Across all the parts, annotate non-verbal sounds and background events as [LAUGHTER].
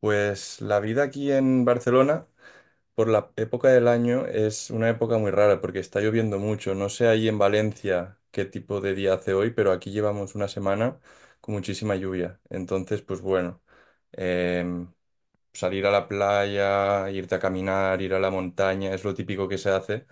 Pues la vida aquí en Barcelona, por la época del año, es una época muy rara porque está lloviendo mucho. No sé ahí en Valencia qué tipo de día hace hoy, pero aquí llevamos una semana con muchísima lluvia. Entonces, pues bueno, em, salir a la playa, irte a caminar, ir a la montaña, es lo típico que se hace,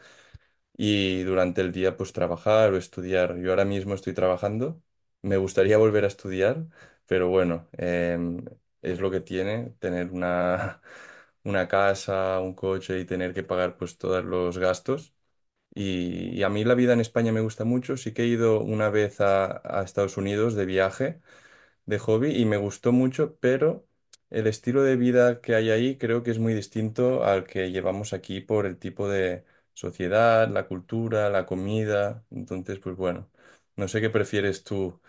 y durante el día pues trabajar o estudiar. Yo ahora mismo estoy trabajando, me gustaría volver a estudiar, pero bueno, es lo que tiene tener una, [LAUGHS] una casa, un coche y tener que pagar pues todos los gastos. Y a mí la vida en España me gusta mucho, sí que he ido una vez a Estados Unidos de viaje de hobby y me gustó mucho, pero el estilo de vida que hay ahí creo que es muy distinto al que llevamos aquí por el tipo de sociedad, la cultura, la comida. Entonces, pues bueno, no sé qué prefieres tú,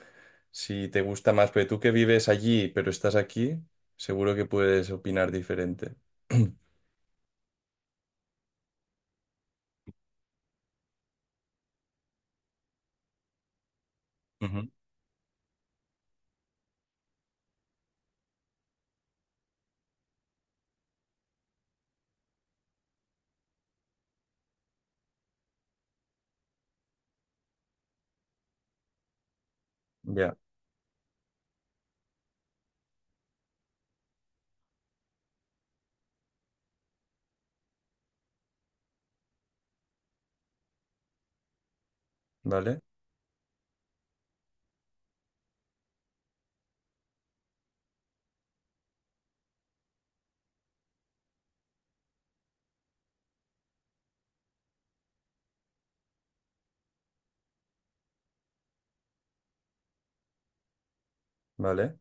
si te gusta más, pero tú que vives allí, pero estás aquí, seguro que puedes opinar diferente. [CLEARS THROAT] Ujú. Ya, vale, vale.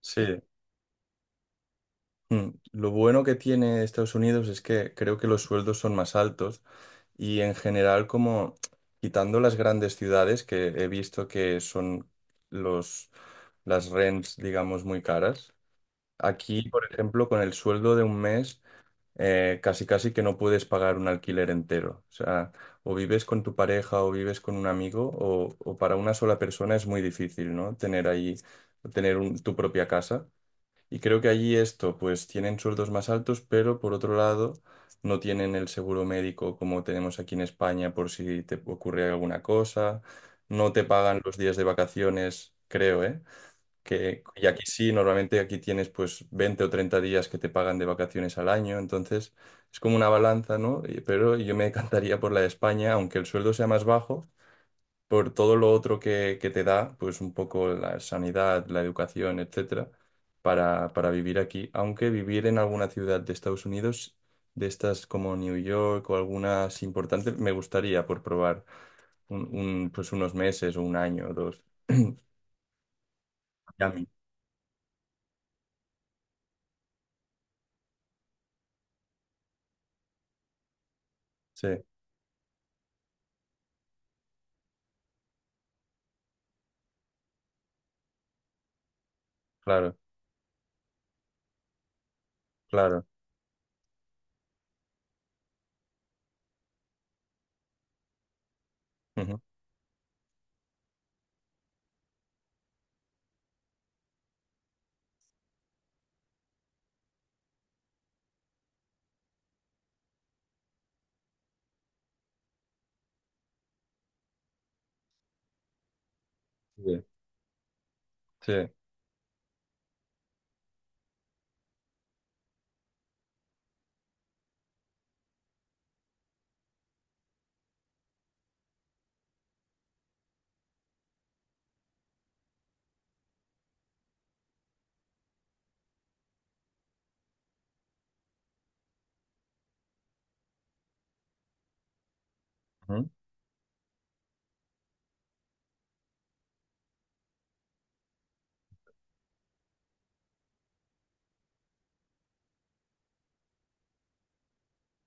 Sí. Lo bueno que tiene Estados Unidos es que creo que los sueldos son más altos. Y en general, como quitando las grandes ciudades, que he visto que son los, las rents, digamos, muy caras. Aquí, por ejemplo, con el sueldo de un mes, casi casi que no puedes pagar un alquiler entero. O sea, o vives con tu pareja o vives con un amigo, o para una sola persona es muy difícil, ¿no? Tener ahí, tu propia casa. Y creo que allí esto, pues tienen sueldos más altos, pero por otro lado no tienen el seguro médico como tenemos aquí en España por si te ocurre alguna cosa, no te pagan los días de vacaciones, creo, ¿eh? Que, y aquí sí, normalmente aquí tienes pues 20 o 30 días que te pagan de vacaciones al año, entonces es como una balanza, ¿no? Pero yo me [LAUGHS] encantaría por la de España, aunque el sueldo sea más bajo, por todo lo otro que, te da, pues un poco la sanidad, la educación, etcétera, para, vivir aquí. Aunque vivir en alguna ciudad de Estados Unidos, de estas como New York o algunas importantes, me gustaría por probar pues unos meses o un año o dos. [CLEARS THROAT] Miami. Sí, claro, claro. Ujú. Sí, sí. Ujú.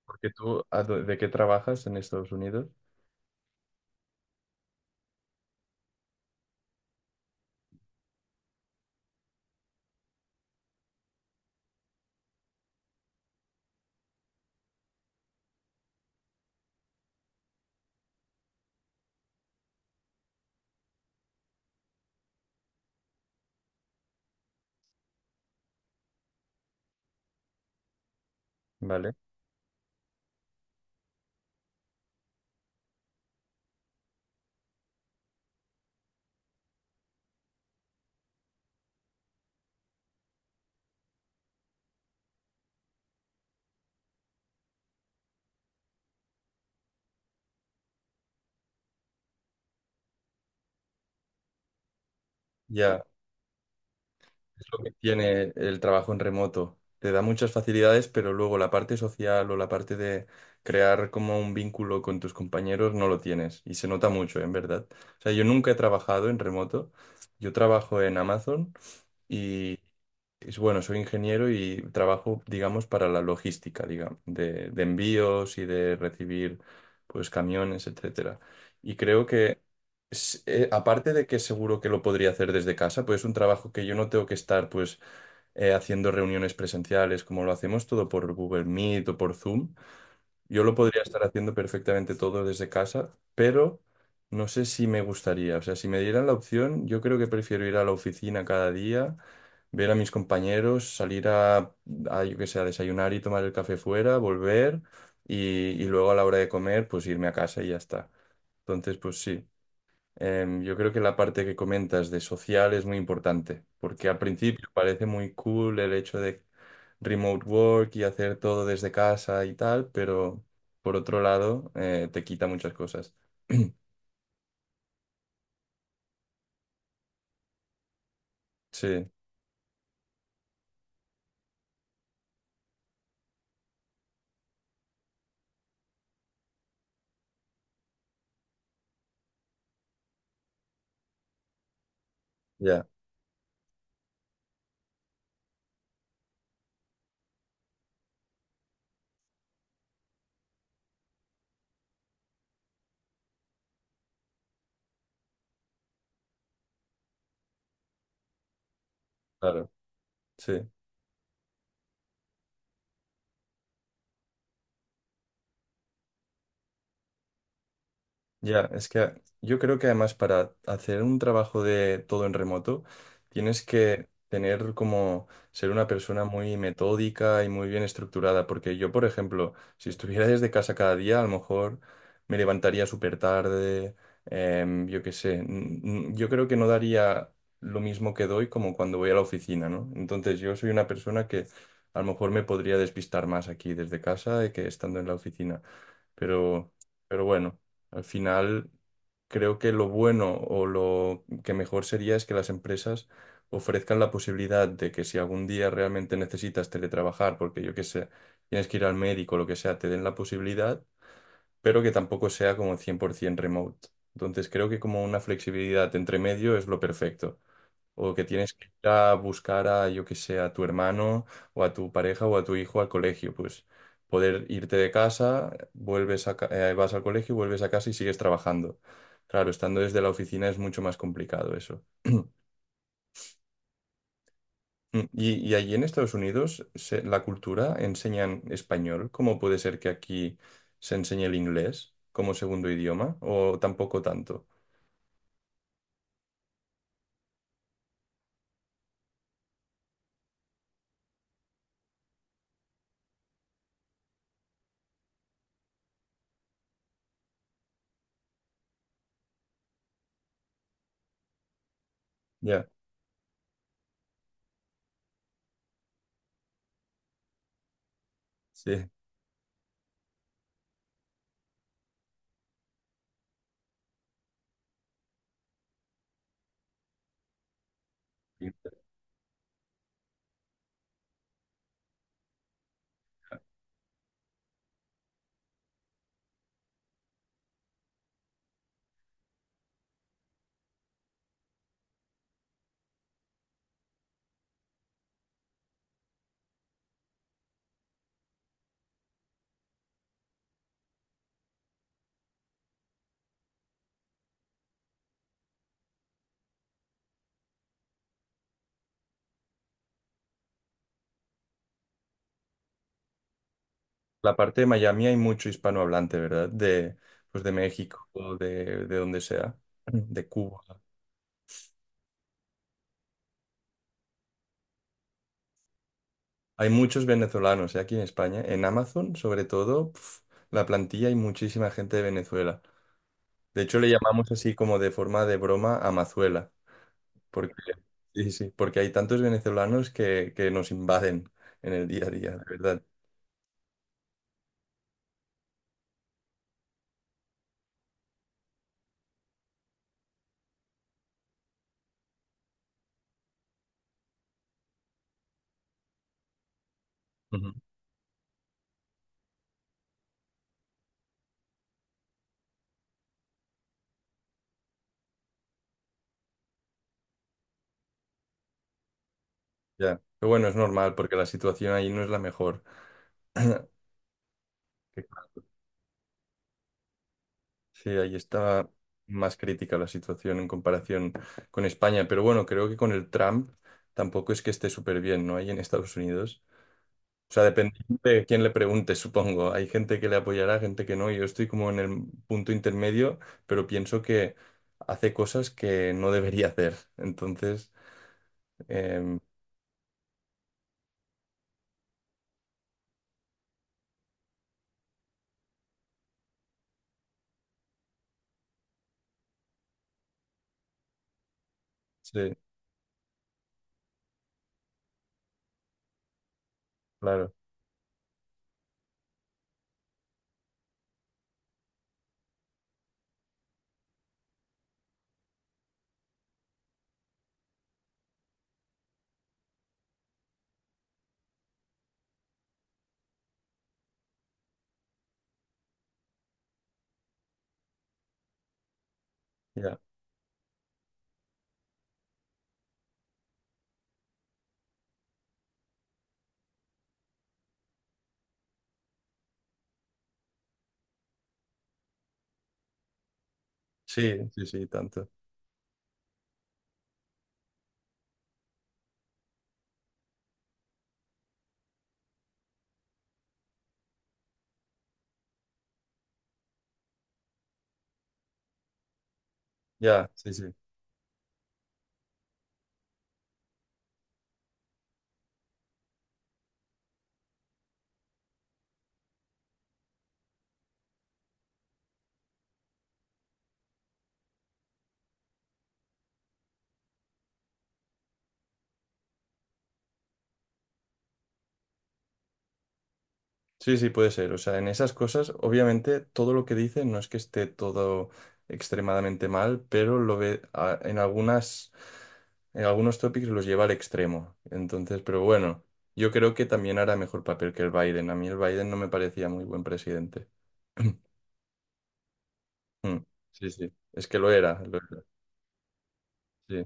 Porque tú, ¿de qué trabajas en Estados Unidos? ¿Vale? Ya. Es lo que tiene el trabajo en remoto. Te da muchas facilidades, pero luego la parte social o la parte de crear como un vínculo con tus compañeros no lo tienes. Y se nota mucho, en verdad. O sea, yo nunca he trabajado en remoto. Yo trabajo en Amazon y es bueno, soy ingeniero y trabajo, digamos, para la logística, digamos, de envíos y de recibir, pues, camiones, etcétera. Y creo que, aparte de que seguro que lo podría hacer desde casa, pues es un trabajo que yo no tengo que estar, pues, haciendo reuniones presenciales como lo hacemos todo por Google Meet o por Zoom. Yo lo podría estar haciendo perfectamente todo desde casa, pero no sé si me gustaría. O sea, si me dieran la opción, yo creo que prefiero ir a la oficina cada día, ver a mis compañeros, salir a, yo qué sé, a desayunar y tomar el café fuera, volver y luego a la hora de comer, pues irme a casa y ya está. Entonces, pues sí. Yo creo que la parte que comentas de social es muy importante, porque al principio parece muy cool el hecho de remote work y hacer todo desde casa y tal, pero por otro lado, te quita muchas cosas. [CLEARS THROAT] Sí, ya, claro, sí. Ya, es que yo creo que además para hacer un trabajo de todo en remoto, tienes que tener como ser una persona muy metódica y muy bien estructurada, porque yo, por ejemplo, si estuviera [LAUGHS] desde casa cada día, a lo mejor me levantaría súper tarde, yo qué sé, yo creo que no daría lo mismo que doy como cuando voy a la oficina, ¿no? Entonces yo soy una persona que a lo mejor me podría despistar más aquí desde casa que estando en la oficina, pero, pero bueno. Al final, creo que lo bueno o lo que mejor sería es que las empresas ofrezcan la posibilidad de que si algún día realmente necesitas teletrabajar, porque yo qué sé, tienes que ir al médico o lo que sea, te den la posibilidad, pero que tampoco sea como 100% remote. Entonces, creo que como una flexibilidad entre medio es lo perfecto. O que tienes que ir a buscar a, yo que sé, a tu hermano o a tu pareja o a tu hijo al colegio. Pues poder irte de casa, vas al colegio, vuelves a casa y sigues trabajando. Claro, estando desde la oficina es mucho más complicado eso. Y allí en Estados Unidos, la cultura enseñan español. ¿Cómo puede ser que aquí se enseñe el inglés como segundo idioma? ¿O tampoco tanto? Ya, sí. La parte de Miami hay mucho hispanohablante, ¿verdad? De, pues de México, de donde sea, de Cuba. Hay muchos venezolanos, ¿eh? Aquí en España. En Amazon, sobre todo, pf, la plantilla hay muchísima gente de Venezuela. De hecho, le llamamos así como de forma de broma Amazuela, porque, sí, sí, porque hay tantos venezolanos que nos invaden en el día a día, de verdad. Ujú. Ya. Pero bueno, es normal, porque la situación ahí no es la mejor. Sí, ahí está más crítica la situación en comparación con España, pero bueno, creo que con el Trump tampoco es que esté súper bien, ¿no? Ahí en Estados Unidos. O sea, depende de quién le pregunte, supongo. Hay gente que le apoyará, gente que no. Yo estoy como en el punto intermedio, pero pienso que hace cosas que no debería hacer. Entonces, em, sí, claro, ya. Sí, sí, sí, tanto. Ya, sí, sí. Sí, sí, puede ser. O sea, en esas cosas, obviamente, todo lo que dice no es que esté todo extremadamente mal, pero lo ve en algunas, en algunos tópicos los lleva al extremo. Entonces, pero bueno, yo creo que también hará mejor papel que el Biden. A mí el Biden no me parecía muy buen presidente. [CLEARS THROAT] Mm, sí, sí, es que lo era, lo era. Sí,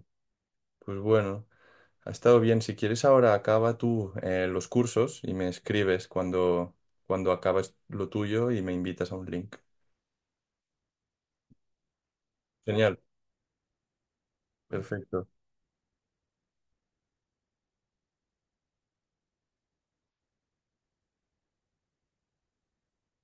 pues bueno, ha estado bien. Si quieres, ahora acaba tú los cursos y me escribes cuando, acabas lo tuyo y me invitas a un link. Genial. Perfecto.